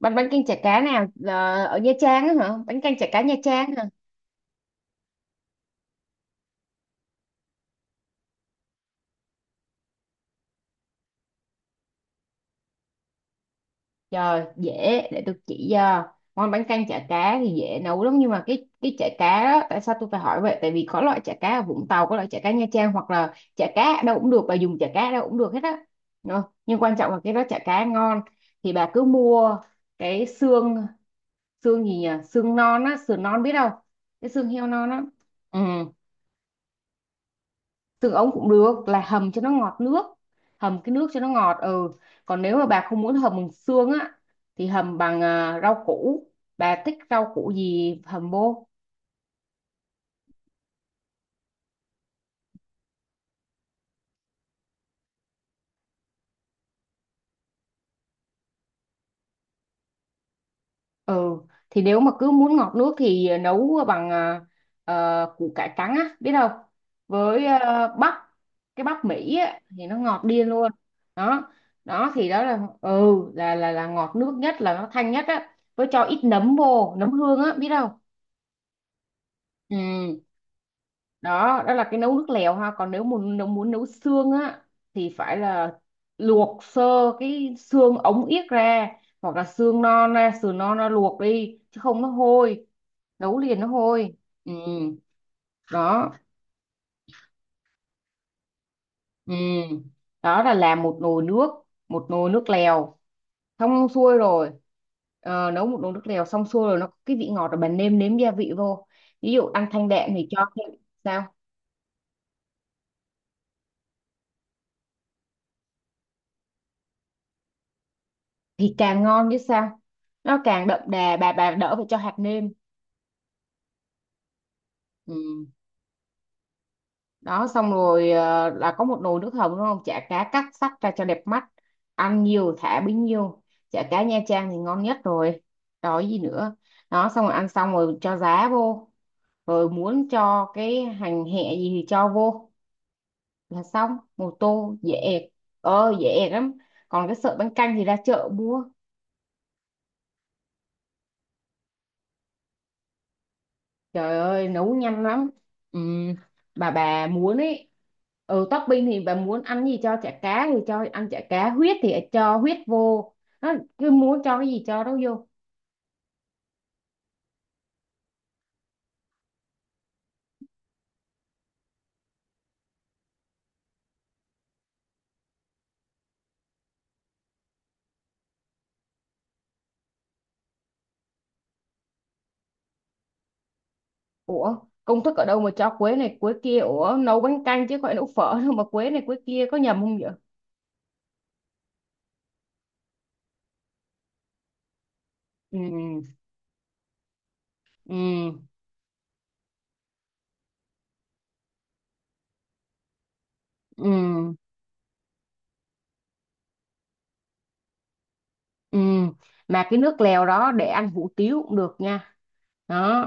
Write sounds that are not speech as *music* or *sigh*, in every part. Bánh bánh canh chả cá nào? Ờ, Ở Nha Trang á hả? Bánh canh chả cá Nha Trang hả? Trời, dễ, để tôi chỉ cho. Món bánh canh chả cá thì dễ nấu lắm, nhưng mà cái chả cá đó, tại sao tôi phải hỏi vậy, tại vì có loại chả cá ở Vũng Tàu, có loại chả cá Nha Trang, hoặc là chả cá ở đâu cũng được, bà dùng chả cá ở đâu cũng được hết á. Đó, nhưng quan trọng là cái đó chả cá ngon, thì bà cứ mua cái xương, xương gì nhỉ, xương non á, sườn non, biết không, cái xương heo non á. Ừ, tương ống cũng được, là hầm cho nó ngọt nước, hầm cái nước cho nó ngọt, ừ. Còn nếu mà bà không muốn hầm bằng xương á, thì hầm bằng rau củ, bà thích rau củ gì hầm vô. Ừ, thì nếu mà cứ muốn ngọt nước thì nấu bằng củ cải trắng á, biết không, với bắp, cái bắp Mỹ á thì nó ngọt điên luôn. Đó, đó thì đó là ngọt nước nhất, là nó thanh nhất á, với cho ít nấm vô, nấm hương á, biết không. Ừ, đó, đó là cái nấu nước lèo ha. Còn nếu muốn, nấu xương á thì phải là luộc sơ cái xương ống yết ra, hoặc là xương non ra, sườn non ra, luộc đi chứ không nó hôi, nấu liền nó hôi. Ừ, đó. Ừ, đó là làm một nồi nước, một nồi nước lèo xong xuôi rồi. Nấu một nồi nước lèo xong xuôi rồi, nó có cái vị ngọt rồi, bạn nêm nếm gia vị vô, ví dụ ăn thanh đạm thì cho thêm. Sao? Thì càng ngon chứ sao, nó càng đậm đà, bà đỡ phải cho hạt nêm. Ừ. Đó, xong rồi, là có một nồi nước hầm đúng không, chả cá cắt sắc ra cho đẹp mắt, ăn nhiều thả bấy nhiêu, chả cá Nha Trang thì ngon nhất rồi. Đó, gì nữa, đó, xong rồi, ăn, xong rồi cho giá vô, rồi muốn cho cái hành hẹ gì thì cho vô, là xong một tô, dễ ẹt. Ờ, dễ ẹt lắm, còn cái sợi bánh canh thì ra chợ mua. Trời ơi, nấu nhanh lắm. Ừm, bà muốn ấy, ừ, topping thì bà muốn ăn gì cho chả cá thì cho, ăn chả cá huyết thì cho huyết vô, nó cứ muốn cho cái gì cho đó vô. Ủa, công thức ở đâu mà cho quế này quế kia? Ủa, nấu bánh canh chứ gọi nấu phở đâu mà quế này quế kia, có nhầm không vậy? Ừ. Ừ. Ừ. Ừ. Mà cái nước lèo đó để ăn hủ tiếu cũng được nha, đó,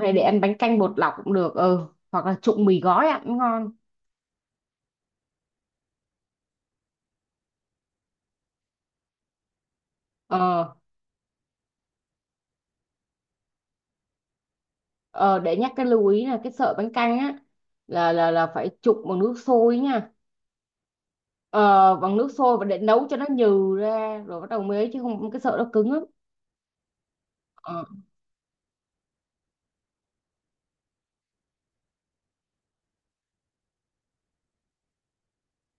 hay để ăn bánh canh bột lọc cũng được, ừ, hoặc là trụng mì gói ăn cũng ngon. Ờ. Ờ, để nhắc cái lưu ý, là cái sợi bánh canh á, là phải trụng bằng nước sôi nha. Ờ, bằng nước sôi, và để nấu cho nó nhừ ra rồi bắt đầu mới ấy, chứ không cái sợi nó cứng lắm. Ờ.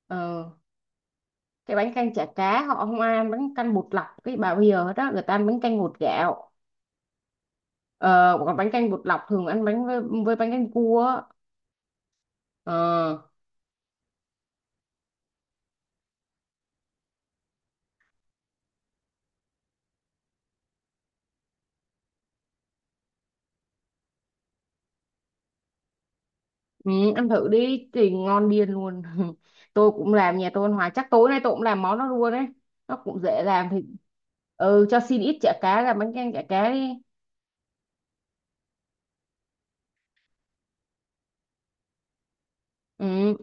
Ờ. Cái bánh canh chả cá họ không ăn bánh canh bột lọc, cái bà bây giờ hết á, người ta ăn bánh canh bột gạo. Ờ, còn bánh canh bột lọc thường ăn bánh với bánh canh cua á. Ờ. Ừ, ăn thử đi thì ngon điên luôn *laughs* tôi cũng làm, nhà tôi ăn hoài, chắc tối nay tôi cũng làm món đó luôn đấy. Nó cũng dễ làm thì, ừ, cho xin ít chả cá làm bánh canh chả cá đi. Ừ.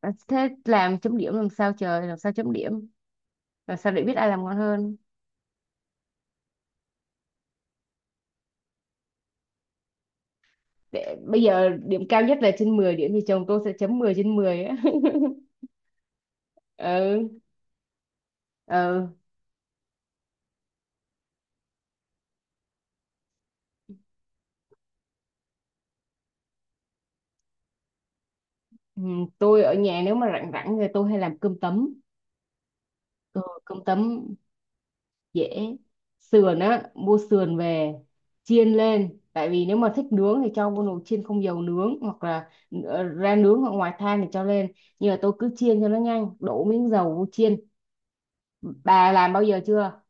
À, thế làm chấm điểm làm sao trời, làm sao chấm điểm, làm sao để biết ai làm ngon hơn. Để, bây giờ điểm cao nhất là trên 10 điểm, thì chồng tôi sẽ chấm 10 trên mười á. *laughs* Ừ. Ừ. Ừ, tôi ở nhà, nếu mà rảnh rảnh thì tôi hay làm cơm tấm. Ừ, cơm tấm dễ, sườn á, mua sườn về chiên lên, tại vì nếu mà thích nướng thì cho vô nồi chiên không dầu nướng, hoặc là ra nướng, hoặc ngoài than thì cho lên, nhưng mà tôi cứ chiên cho nó nhanh, đổ miếng dầu vô chiên. Bà làm bao giờ chưa?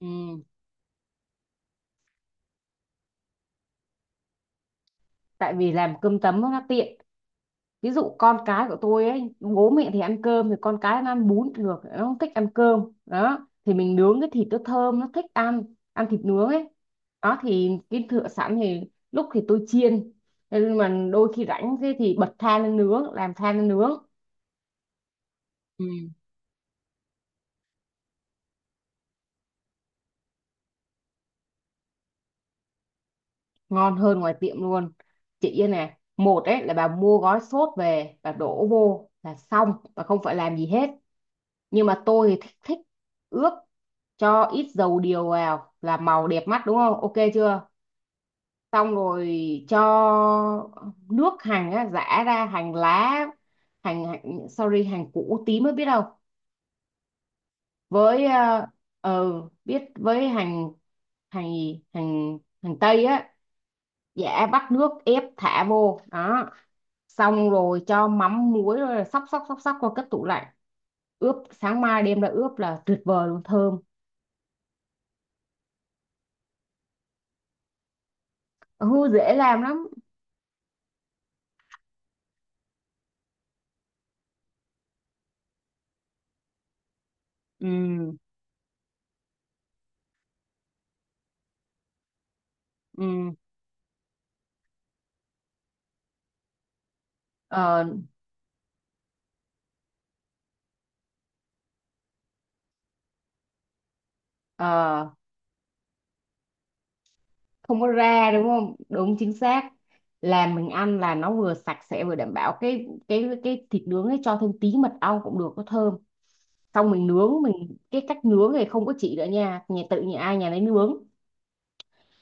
Ừ, tại vì làm cơm tấm nó tiện, ví dụ con cái của tôi ấy, bố mẹ thì ăn cơm, thì con cái nó ăn bún được, nó không thích ăn cơm, đó thì mình nướng cái thịt nó thơm, nó thích ăn, ăn thịt nướng ấy. Đó thì cái thựa sẵn thì lúc thì tôi chiên, nhưng mà đôi khi rảnh thế thì bật than lên nướng, làm than lên nướng. Ừ. Ngon hơn ngoài tiệm luôn. Chị Yên này, một ấy là bà mua gói sốt về bà đổ vô là xong, và không phải làm gì hết, nhưng mà tôi thì thích thích ướp, cho ít dầu điều vào là màu đẹp mắt đúng không, ok chưa. Xong rồi cho nước hành á, giã ra, hành lá, hành, hành sorry, hành củ tím mới biết đâu, với ờ. Ờ, biết, với hành, hành gì? Hành, hành tây á, giã vắt nước ép thả vô đó, xong rồi cho mắm muối rồi là xóc xóc xóc xóc qua, cất tủ lạnh, ướp, sáng mai đem ra ướp là tuyệt vời luôn, thơm. Ừ, dễ làm lắm. Ừ. Ừ. ờ, ờ, Không có ra đúng không, đúng, chính xác, làm mình ăn là nó vừa sạch sẽ, vừa đảm bảo, cái thịt nướng ấy cho thêm tí mật ong cũng được, có thơm. Xong mình nướng, mình cái cách nướng này không có chỉ nữa nha, nhà tự nhà ai nhà nấy nướng.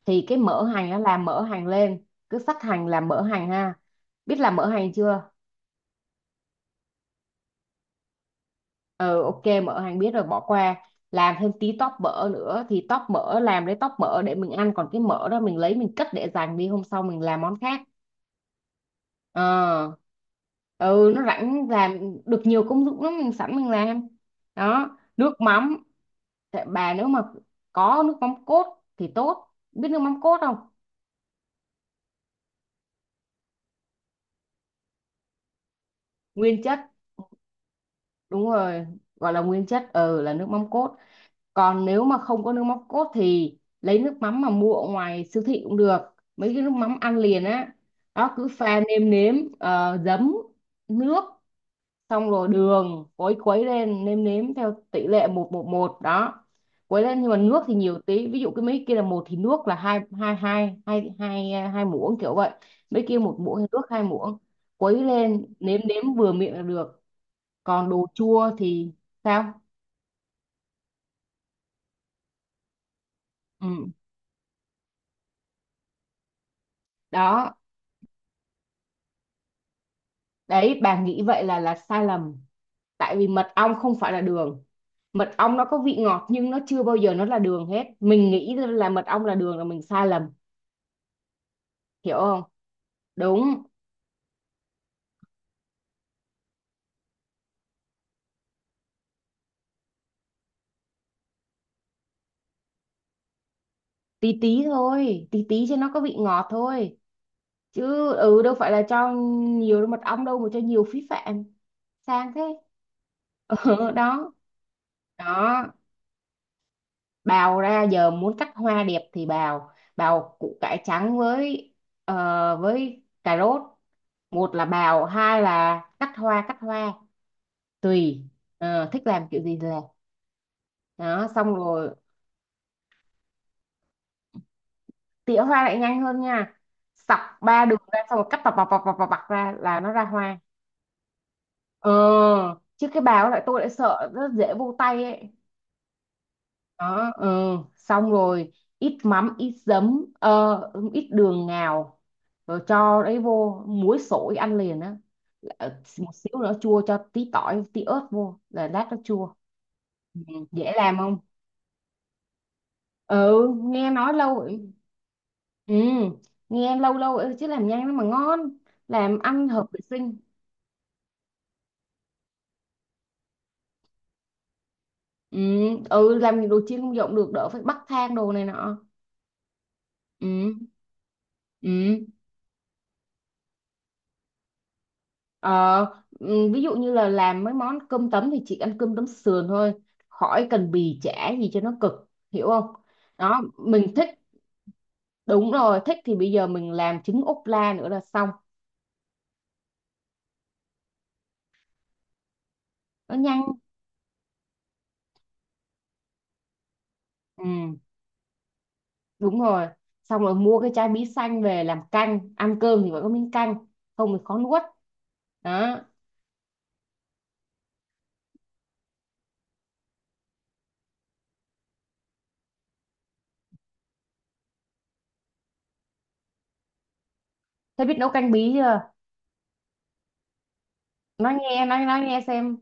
Thì cái mỡ hành nó làm, mỡ hành lên, cứ sắc hành, làm mỡ hành ha, biết làm mỡ hành chưa. Ừ, ok, mỡ hàng biết rồi, bỏ qua. Làm thêm tí tóp mỡ nữa, thì tóp mỡ làm lấy tóp mỡ để mình ăn, còn cái mỡ đó mình lấy mình cất để dành đi, hôm sau mình làm món khác. Ờ. Ừ, nó rảnh làm được nhiều công dụng lắm, mình sẵn mình làm. Đó, nước mắm. Tại bà nếu mà có nước mắm cốt thì tốt, biết nước mắm cốt không, nguyên chất, đúng rồi, gọi là nguyên chất, ừ, là nước mắm cốt. Còn nếu mà không có nước mắm cốt thì lấy nước mắm mà mua ở ngoài siêu thị cũng được, mấy cái nước mắm ăn liền á, đó, cứ pha nêm nếm giấm, nước, xong rồi đường, quấy quấy lên, nêm nếm theo tỷ lệ một một một, đó, quấy lên, nhưng mà nước thì nhiều tí, ví dụ cái mấy kia là một thì nước là hai, hai hai hai hai hai muỗng kiểu vậy, mấy kia một muỗng thì nước hai muỗng, quấy lên nếm nếm vừa miệng là được. Còn đồ chua thì sao? Ừ, đó. Đấy bà nghĩ vậy là sai lầm, tại vì mật ong không phải là đường, mật ong nó có vị ngọt nhưng nó chưa bao giờ nó là đường hết, mình nghĩ là mật ong là đường là mình sai lầm, hiểu không. Đúng. Tí tí thôi, tí tí cho nó có vị ngọt thôi, chứ ừ đâu phải là cho nhiều mật ong, đâu mà cho nhiều phí phạm, sang thế. *laughs* Ừ, đó. Đó, bào ra, giờ muốn cắt hoa đẹp thì bào, bào củ cải trắng với với cà rốt, một là bào hai là cắt hoa, cắt hoa tùy. Ờ, thích làm kiểu gì thì làm, đó, xong rồi. Tỉa hoa lại nhanh hơn nha, sọc ba đường ra, xong rồi cắt bọc bọc bọc bọc bọc bọc ra là nó ra hoa. Ờ, chứ cái bào lại tôi lại sợ rất dễ vô tay ấy. Đó. Ừ, xong rồi, ít mắm ít giấm ít đường ngào, rồi cho đấy vô muối sổi ăn liền á. Ờ, một xíu nữa chua, cho tí tỏi tí ớt vô là lát nó chua. Ừ. Dễ làm không, ừ nghe nói lâu rồi. Ừ, nghe lâu lâu rồi chứ làm nhanh lắm mà ngon, làm ăn hợp vệ sinh. Ừ. Ừ, làm đồ chiên không dọn được đỡ phải bắt than đồ này nọ. Ừ. Ừ. Ờ, ừ, ví dụ như là làm mấy món cơm tấm thì chị ăn cơm tấm sườn thôi, khỏi cần bì chả gì cho nó cực, hiểu không. Đó, mình thích, đúng rồi, thích thì bây giờ mình làm trứng ốp la nữa là xong. Nó nhanh. Ừ, đúng rồi, xong rồi mua cái chai bí xanh về làm canh, ăn cơm thì phải có miếng canh, không thì khó nuốt. Đó. Thế biết nấu canh bí chưa, nói nghe, nói nghe xem.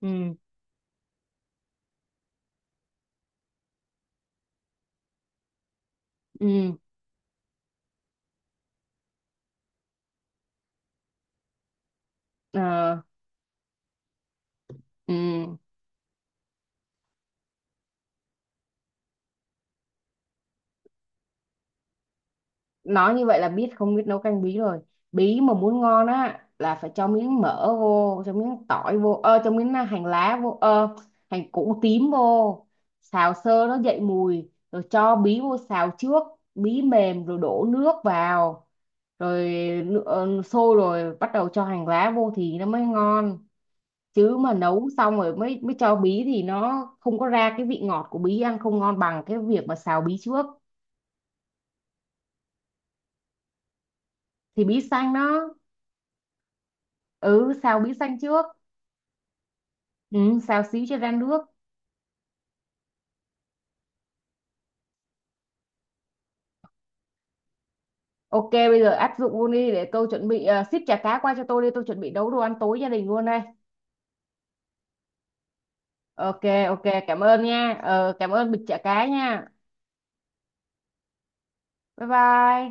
Ừ. Ừ. Ờ, ừ, nói như vậy là biết, không biết nấu canh bí rồi, bí mà muốn ngon á là phải cho miếng mỡ vô, cho miếng tỏi vô, ơ cho miếng hành lá vô, ơ hành củ tím vô, xào sơ nó dậy mùi rồi cho bí vô xào trước, bí mềm rồi đổ nước vào, rồi sôi rồi bắt đầu cho hành lá vô thì nó mới ngon, chứ mà nấu xong rồi mới mới cho bí thì nó không có ra cái vị ngọt của bí, ăn không ngon bằng cái việc mà xào bí trước. Thì bí xanh đó. Ừ, xào bí xanh trước. Ừ, xào xíu cho ra nước. Ok, bây giờ áp dụng luôn đi, để tôi chuẩn bị, ship chả cá qua cho tôi đi, tôi chuẩn bị nấu đồ ăn tối gia đình luôn đây. Ok. Ok, cảm ơn nha, ờ, cảm ơn bịch chả cá nha. Bye bye.